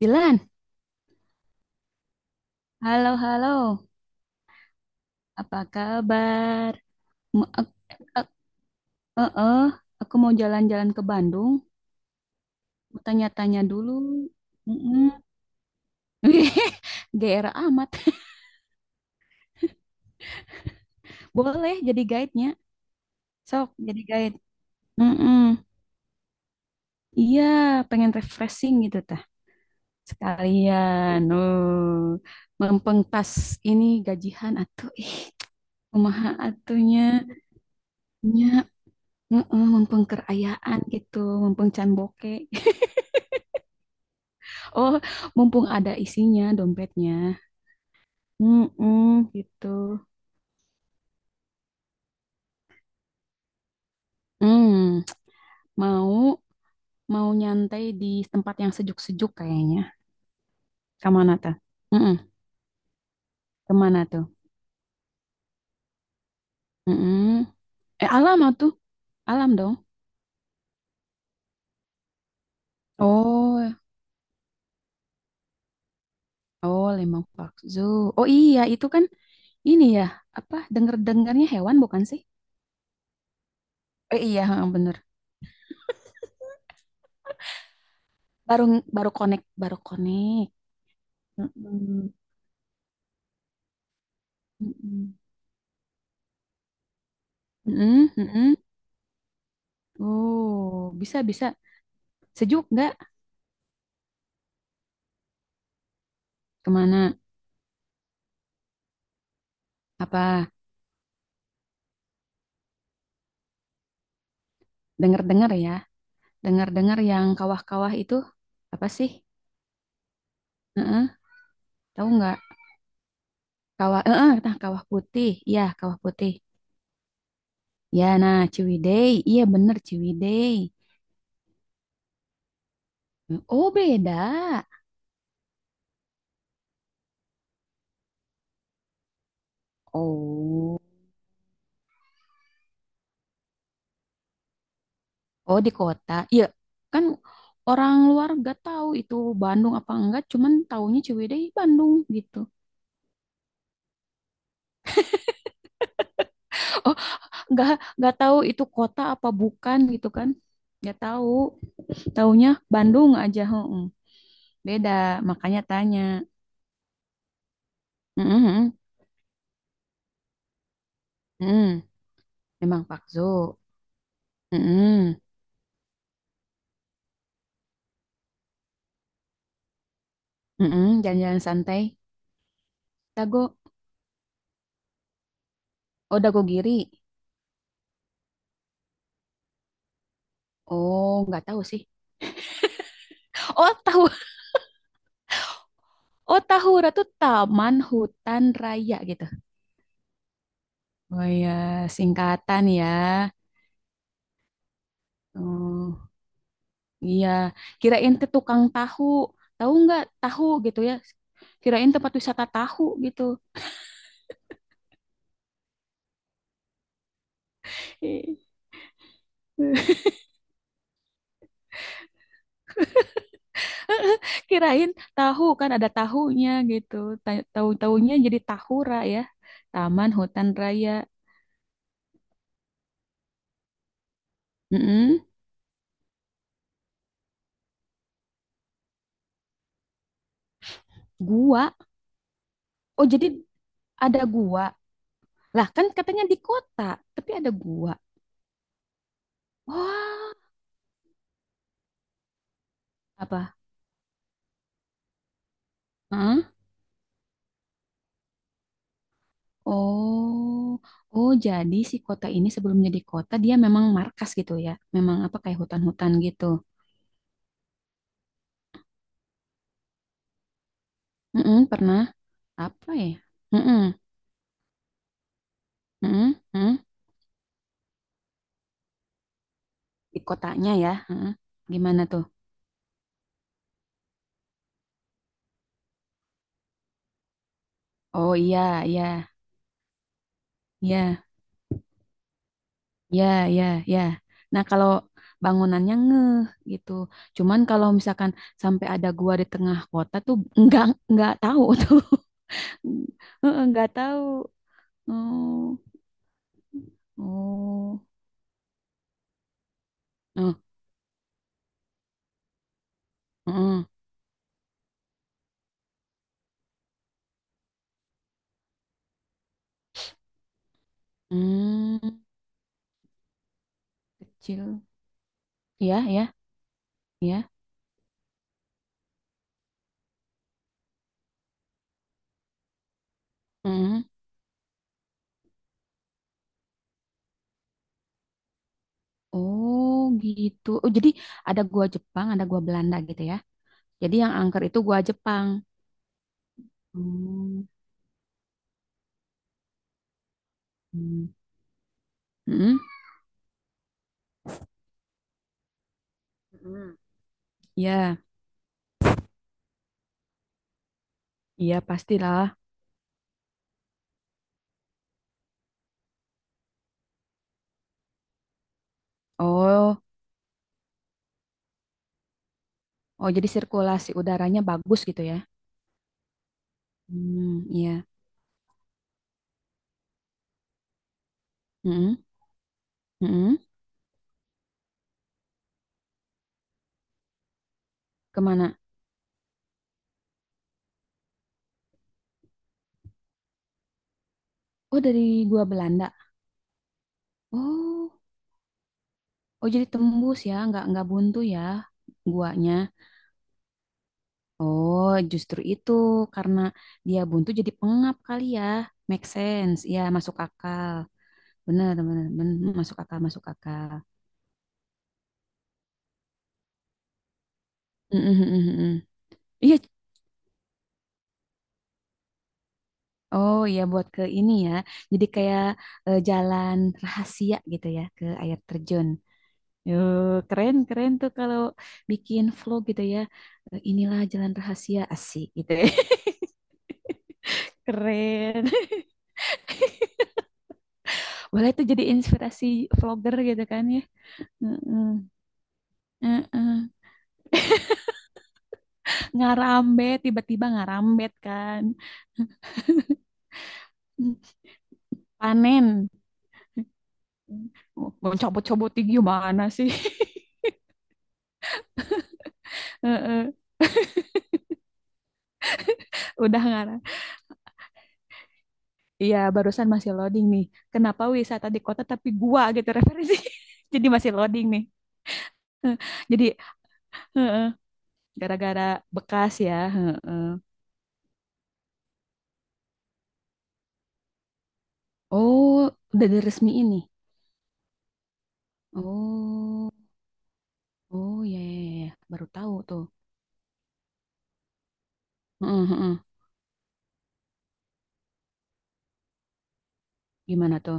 Dilan, halo halo, apa kabar? Mu- ak- ak- eh, eh, aku mau jalan-jalan ke Bandung, mau tanya-tanya dulu. Mm-mm. GR amat. Boleh jadi guide-nya, sok jadi guide. Mm-mm. Iya, pengen refreshing gitu tah. Sekalian, oh, mempengkas ini gajihan atuh. Ih, kumaha atunya nya, heeh, mempengkerayaan gitu, mempengcan boke. Oh, mumpung ada isinya dompetnya. Mm-mm, gitu. Hmm, mau mau nyantai di tempat yang sejuk-sejuk kayaknya. Kemana tuh? Mm-mm. Kemana tuh? Mm-mm. Eh, alam ah tuh, alam dong. Oh, oh lemang bakso. Oh iya, itu kan ini ya apa? Dengar-dengarnya hewan bukan sih? Eh iya, heeh, bener. Baru baru connect, baru connect. Mm-mm. Mm-mm. Mm-mm, mm-mm. Oh, bisa bisa. Sejuk nggak? Kemana? Apa dengar-dengar ya? Dengar-dengar yang kawah-kawah itu apa sih? Heeh, tahu nggak? Kawah, heeh, nah kawah putih. Iya, kawah putih. Ya, nah Ciwidey. Iya bener Ciwidey. Oh beda. Oh, oh di kota. Iya, kan orang luar nggak tahu itu Bandung apa enggak. Cuman taunya Ciwidey Bandung gitu. Oh, nggak nggak tahu itu kota apa bukan gitu kan? Nggak tahu. Taunya Bandung aja. Heeh. Beda, makanya tanya. Mm-mm, mm-mm. Memang Pakzo. Mm-mm, mm-mm. Jalan-jalan santai. Dago, oh Dago Giri. Oh, nggak tahu sih. Oh tahu, oh tahu Ratu Taman Hutan Raya gitu. Oh ya singkatan ya. Oh iya, kirain tuh tukang tahu. Tahu nggak tahu gitu ya? Kirain tempat wisata tahu gitu. Kirain tahu kan ada tahunya gitu. Tahu-tahunya jadi tahura ya. Taman hutan raya. Mm-mm. Gua. Oh, jadi ada gua. Lah, kan katanya di kota, tapi ada gua. Wah, apa? Heeh. Oh. Oh, jadi si kota ini sebelum jadi kota dia memang markas gitu ya. Memang apa kayak hutan-hutan gitu. Mm-mm, pernah apa ya? Mm-mm, mm-mm, mm. Di kotanya ya. Heeh. Gimana tuh? Oh iya, iya. Ya, ya, ya, ya. Nah, kalau bangunannya ngeh gitu. Cuman kalau misalkan sampai ada gua di tengah kota tuh nggak nggak tahu tuh. Heeh, nggak tahu. Oh, oh, oh, heeh. Hmm, kecil. Ya, ya, ya. Heeh. Oh, gitu. Oh, jadi ada gua Jepang, ada gua Belanda gitu ya. Jadi yang angker itu gua Jepang. Hmm. Hmm. Mm-mm. Mm-mm. Ya, iya pastilah. Oh, oh jadi sirkulasi udaranya bagus gitu ya? Hmm, iya. Mm-mm, mm-mm. Kemana? Oh, dari gua Belanda. Oh, oh jadi tembus ya, nggak buntu ya guanya. Oh, justru itu karena dia buntu jadi pengap kali ya. Make sense, ya masuk akal. Bener, bener, bener. Hmm, masuk akal, masuk akal. Mm-mm, mm-mm. Iya. Oh iya buat ke ini ya. Jadi kayak eh, jalan rahasia gitu ya ke air terjun. Yuh, keren keren tuh kalau bikin vlog gitu ya. Eh, inilah jalan rahasia asik gitu ya. Keren. Boleh tuh jadi inspirasi vlogger gitu kan ya. Heeh, heeh. Ngarambet tiba-tiba ngarambet kan. Panen. Mau cobot-cobotin gimana sih? Heeh. Udah ngarang. Iya, barusan masih loading nih. Kenapa wisata di kota tapi gua gitu referensi. Jadi masih loading nih. Eh, jadi heeh. Gara-gara bekas ya. Heeh. Oh, udah diresmi ini. Oh, oh ya, ya, ya, ya. Baru tahu tuh. Heeh, heeh. Gimana tuh?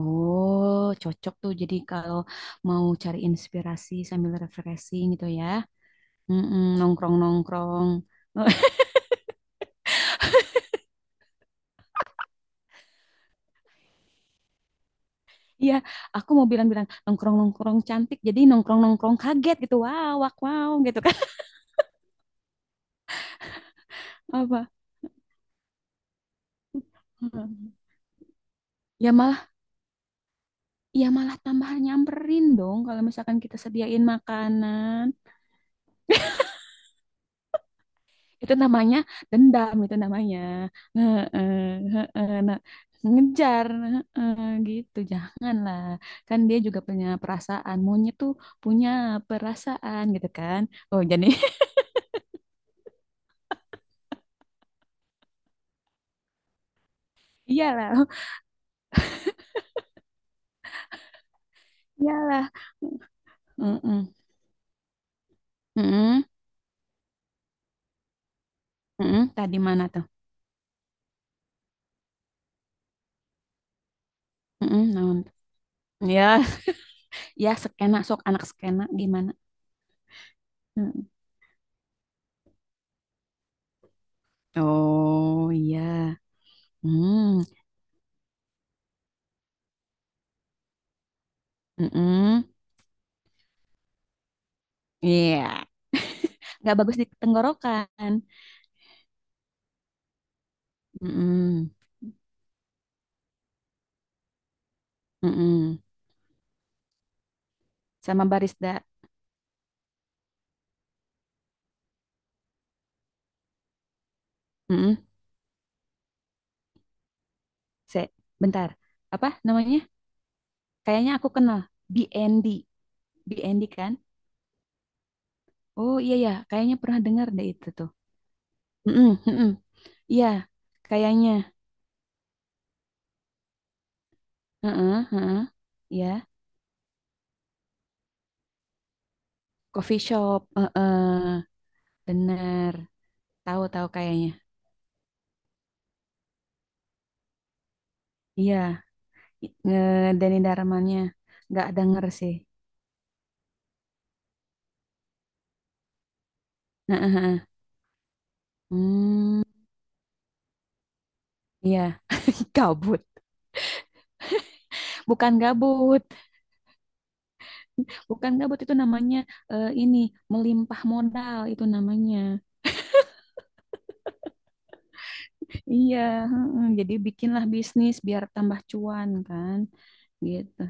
Oh, cocok tuh. Jadi kalau mau cari inspirasi sambil refreshing gitu ya. Mm-mm, nongkrong-nongkrong. Iya, aku mau bilang-bilang nongkrong-nongkrong cantik. Jadi nongkrong-nongkrong kaget gitu. Wow, wow, wow gitu kan. Apa? Heeh. Ya malah, ya malah tambah nyamperin dong kalau misalkan kita sediain makanan. Itu namanya dendam itu namanya. Heeh, heeh, nah, ngejar heeh, gitu janganlah kan dia juga punya perasaan monyet tuh punya perasaan gitu kan oh jadi. Iyalah, iyalah. Heeh, heeh, heeh. Tadi mana tuh? Heeh, naon tuh? Ya, ya skena sok anak skena gimana. Heeh. Oh iya. Hmm, heeh. Iya, nggak bagus di tenggorokan. Mm-mm. Mm-mm. Sama barista. Mm-mm. Se, bentar. Apa namanya? Kayaknya aku kenal. BND. BND kan? Oh iya ya, kayaknya pernah dengar deh itu tuh. Mm-mm, mm-mm. Iya, kayaknya. Heeh, heeh. Iya, coffee shop. Heeh, bener. Tahu-tahu kayaknya. Iya, Denny Darmannya. Nggak denger sih. Heeh, heeh. Hmm, iya, gabut. Bukan gabut. Bukan gabut itu namanya eh, ini melimpah modal itu namanya. Iya, heeh. Jadi bikinlah bisnis biar tambah cuan kan, gitu.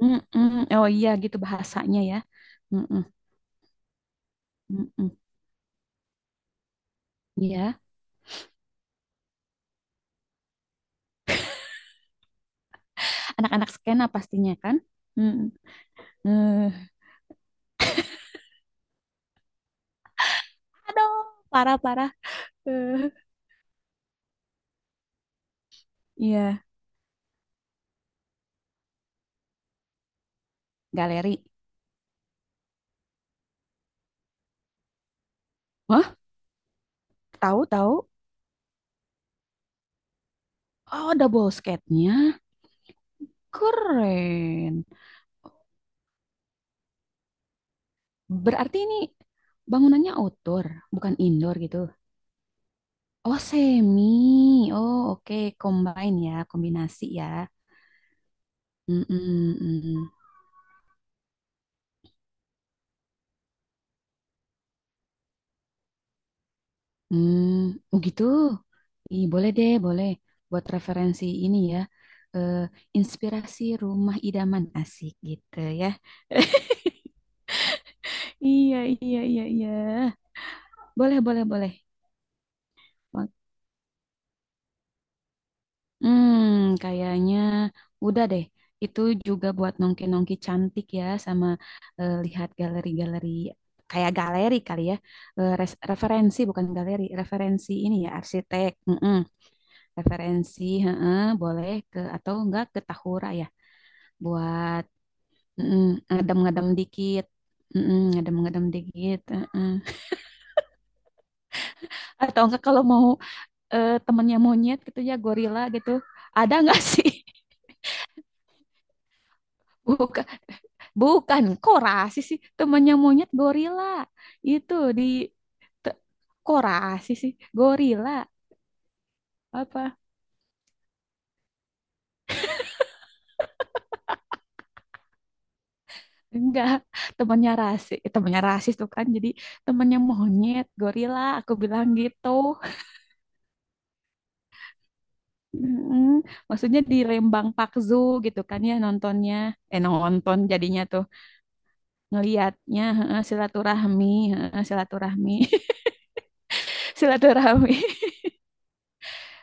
Mm-mm. Oh iya gitu bahasanya ya. Mm-mm. Mm-mm. Iya, anak-anak skena pastinya kan. Mm. Eh, aduh, parah-parah. Eh, iya, galeri. Wah, tahu-tahu. Oh, double skate-nya. Keren. Berarti ini bangunannya outdoor, bukan indoor gitu. Oh, semi. Oh, oke. Combine ya, kombinasi ya. Hmm, hmm, hmm. Hmm, oh gitu. Ih, boleh deh, boleh. Buat referensi ini ya. Eh, inspirasi rumah idaman asik gitu ya. Iya, iya, iya, iya. Boleh, boleh, boleh. Hmm, kayaknya udah deh. Itu juga buat nongki-nongki cantik ya, sama eh, lihat galeri-galeri, kayak galeri kali ya. Eh, referensi bukan galeri, referensi ini ya arsitek. Mm-mm. Referensi, heeh, boleh ke atau enggak ke Tahura ya, buat mm, ngedem-ngedem dikit. Mm-mm, ngedem-ngedem dikit. Heeh. Atau enggak kalau mau eh, temennya monyet gitu ya, gorila gitu, ada enggak sih? Bukan. Bukan, kok rasis sih temannya monyet gorila. Itu di te- kok rasis sih gorila apa? Enggak, temannya rasis, eh, temannya rasis tuh kan. Jadi temannya monyet gorila, aku bilang gitu. Mm-mm. Maksudnya di Lembang Park Zoo gitu kan ya nontonnya. Eh nonton jadinya tuh ngelihatnya heeh, silaturahmi, heeh, silaturahmi. Silaturahmi.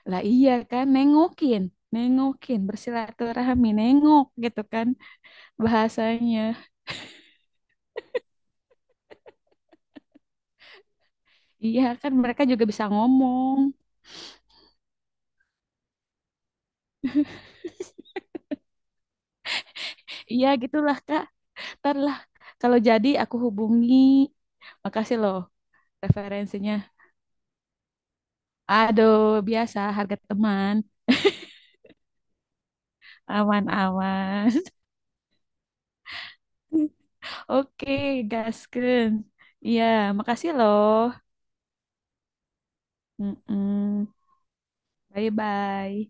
Lah iya kan, nengokin, nengokin, bersilaturahmi, nengok gitu kan bahasanya. Iya kan mereka juga bisa ngomong. Iya gitulah Kak. Ntar lah kalau jadi aku hubungi. Makasih loh referensinya. Aduh, biasa harga teman. Aman-aman. Oke, gaskeun. Iya, makasih loh. Mm-mm. Bye-bye.